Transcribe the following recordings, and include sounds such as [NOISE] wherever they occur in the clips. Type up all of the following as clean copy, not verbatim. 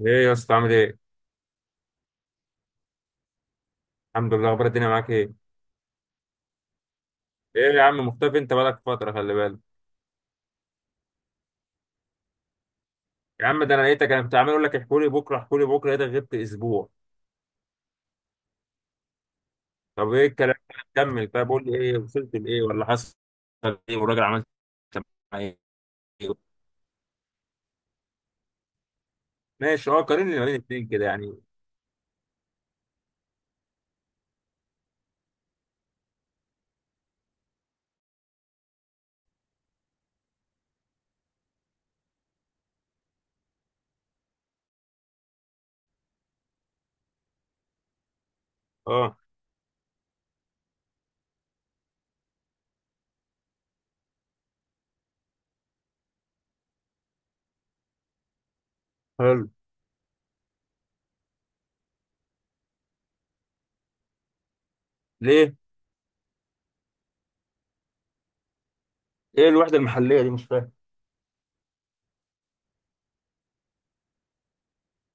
ايه يا اسطى عامل ايه؟ الحمد لله، اخبار الدنيا معاك ايه؟ ايه يا عم مختفي، انت بقالك فترة، خلي بالك. يا عم ده انا لقيتك، انا كنت عمال اقول لك احكوا لي بكره احكوا لي بكره، لقيتك غبت اسبوع. طب ايه الكلام؟ كمل، طب قول لي ايه وصلت لايه ولا حصل ايه؟ والراجل عمل ايه؟ ماشي، اه، قارن لي ما بين الاثنين كده يعني. اه. حلو. ليه؟ ايه الوحدة المحلية دي؟ مش فاهم.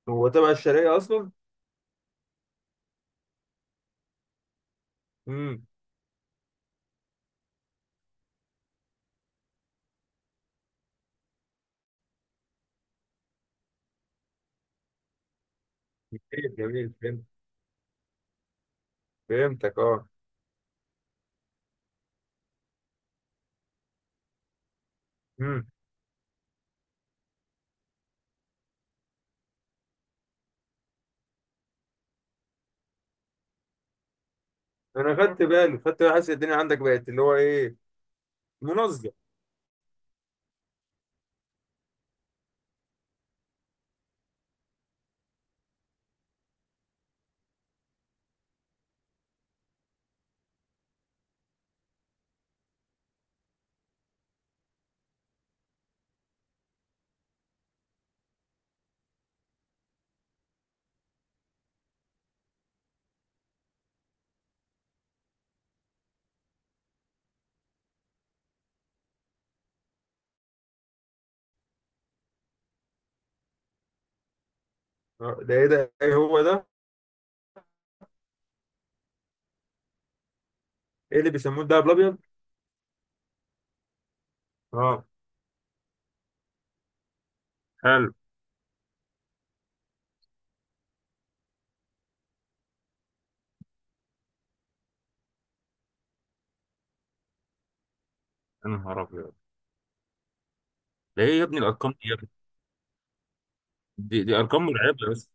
هو تبع الشرقية اصلا؟ امم. جميل جميل، فهمت. فهمتك، اه. امم. انا خدت بالي خدت بالي، حاسس الدنيا عندك بقت اللي هو ايه. منظم. ده ايه؟ ده ايه هو ده؟ ايه اللي بيسموه الدهب الابيض؟ اه. حلو. يا نهار ابيض. ده ايه يا ابني الارقام دي يا ابني؟ دي ارقام مرعبه بس.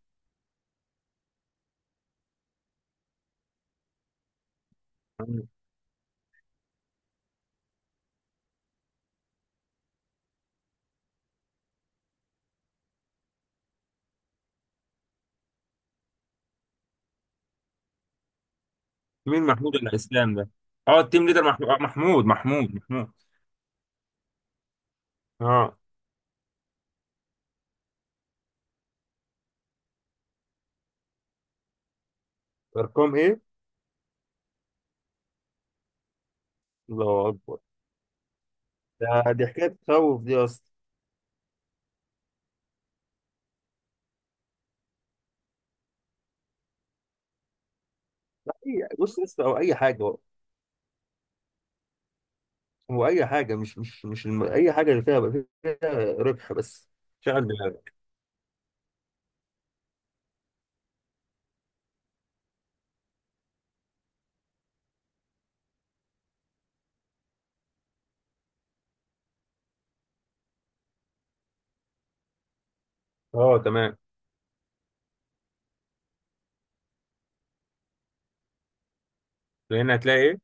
مين محمود الاسلام ده؟ اه، التيم ليدر محمود. آه، محمود محمود محمود. اه. ارقام ايه؟ الله اكبر. دي حكايه تخوف دي اصلا. بص بص، او اي حاجه هو. هو اي حاجه، مش اي حاجه اللي فيها ربح بس. شغل دماغك. اه تمام. هنا هتلاقي ايه؟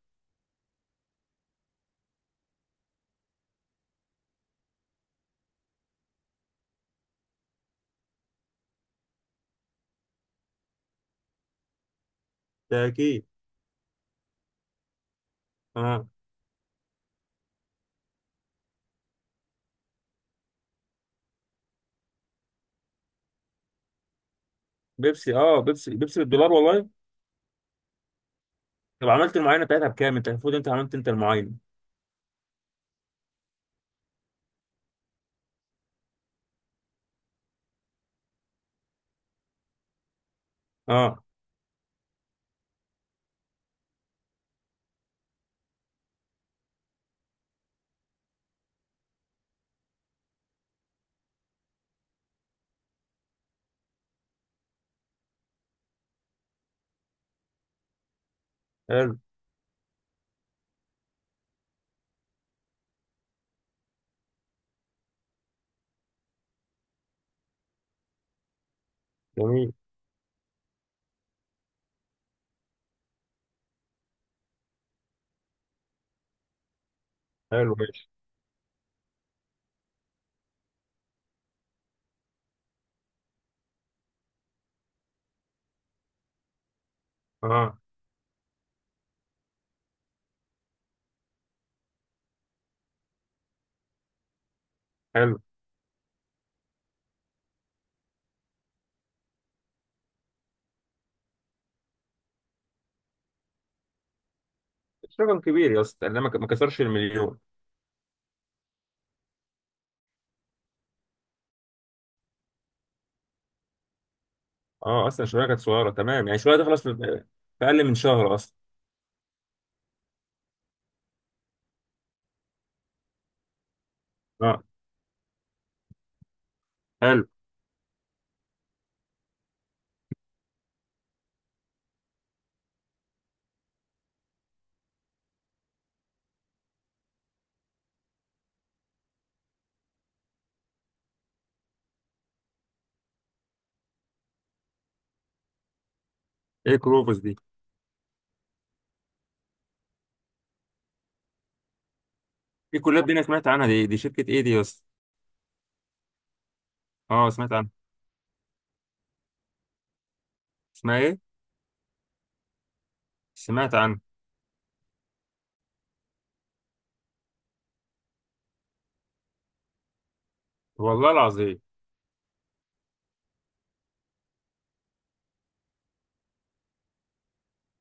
تأكيد. اه. بيبسي، اه، بيبسي بيبسي بالدولار والله. طب عملت المعاينه بتاعتها بكام؟ انت المفروض، انت عملت، انت المعاينه. اه. حلو. جميل. حلو، ماشي. اه. حلو. مش رقم كبير يا اسطى، لان ما كسرش المليون. اه اصلا الشويه كانت صغيره، تمام، يعني الشويه تخلص في في اقل من شهر اصلا. اه. حلو. ايه كروفوس دي؟ في كلاب دي انا سمعت عنها، دي شركه ايه دي يا اسطى؟ اه، سمعت عنها. اسمها ايه؟ سمعت عنها. والله العظيم.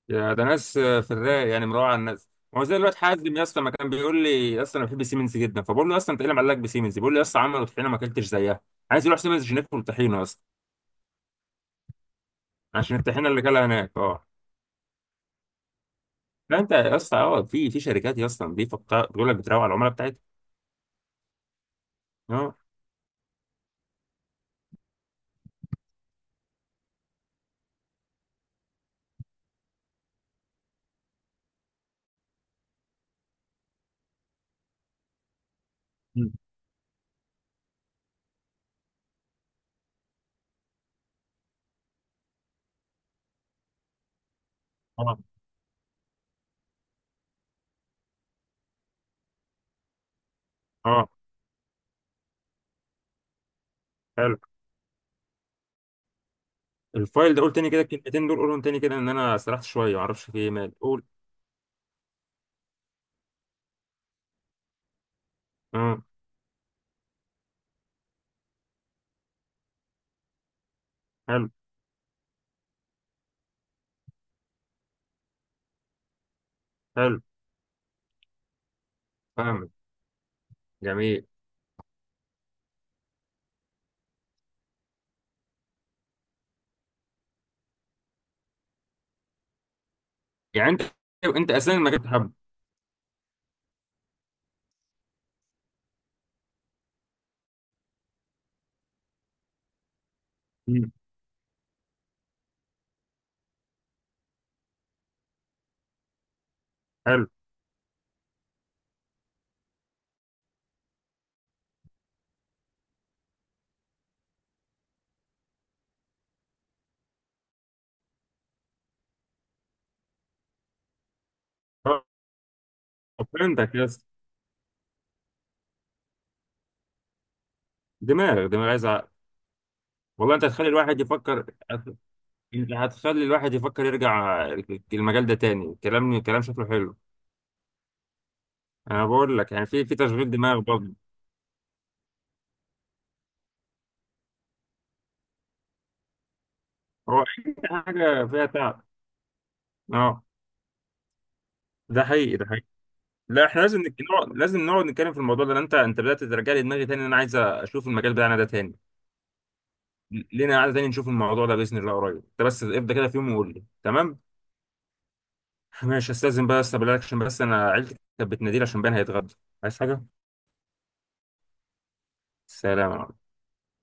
يا ده ناس، في الرايق يعني، مروعه على الناس. هو زي الواد حازم، يا اسطى، ما كان بيقول لي يا اسطى انا بحب سيمنز جدا، فبقول له يا اسطى انت ايه اللي معلقك بسيمنز؟ بيقول لي يا اسطى عملوا طحينه ما اكلتش زيها. عايز يروح سيمنز عشان ياكل طحينه يا اسطى. عشان الطحينه اللي كلها هناك، اه. لا انت يا اسطى، اه، في شركات يا اسطى نظيفه بتقول لك بتروق على العملاء بتاعتها. اه. مم. اه. اه. حلو. الفايل ده، قول تاني كده الكلمتين دول، قولهم تاني كده، ان انا سرحت شويه ما اعرفش في ايه مال، قول. اه. حلو. حلو. فاهمك. جميل. يعني انت اساسا المجال بتحبه. مم. حلو. فهمتك يا اسطى. دماغ دماغ، عايز عقل. والله انت هتخلي الواحد يفكر. هت- انت هتخلي الواحد يفكر يرجع. المجال ده تاني كلام، كلام شكله حلو. انا بقول لك يعني في تشغيل دماغ برضه. هو [LAUGHS] اي حاجه فيها تعب. اه، ده حقيقي ده حقيقي. لا احنا لازم نقعد، لازم نقعد نتكلم في الموضوع ده، لأن انت بدات ترجع لي دماغي تاني، انا عايز اشوف المجال بتاعنا ده تاني. لينا قاعده تاني نشوف الموضوع ده باذن الله قريب، انت بس ابدا كده في يوم وقول لي تمام. ماشي، استاذن بقى استقبلك عشان بس انا عيلتي كانت بتناديلي عشان بان هيتغدى. عايز حاجه؟ سلام عليكم.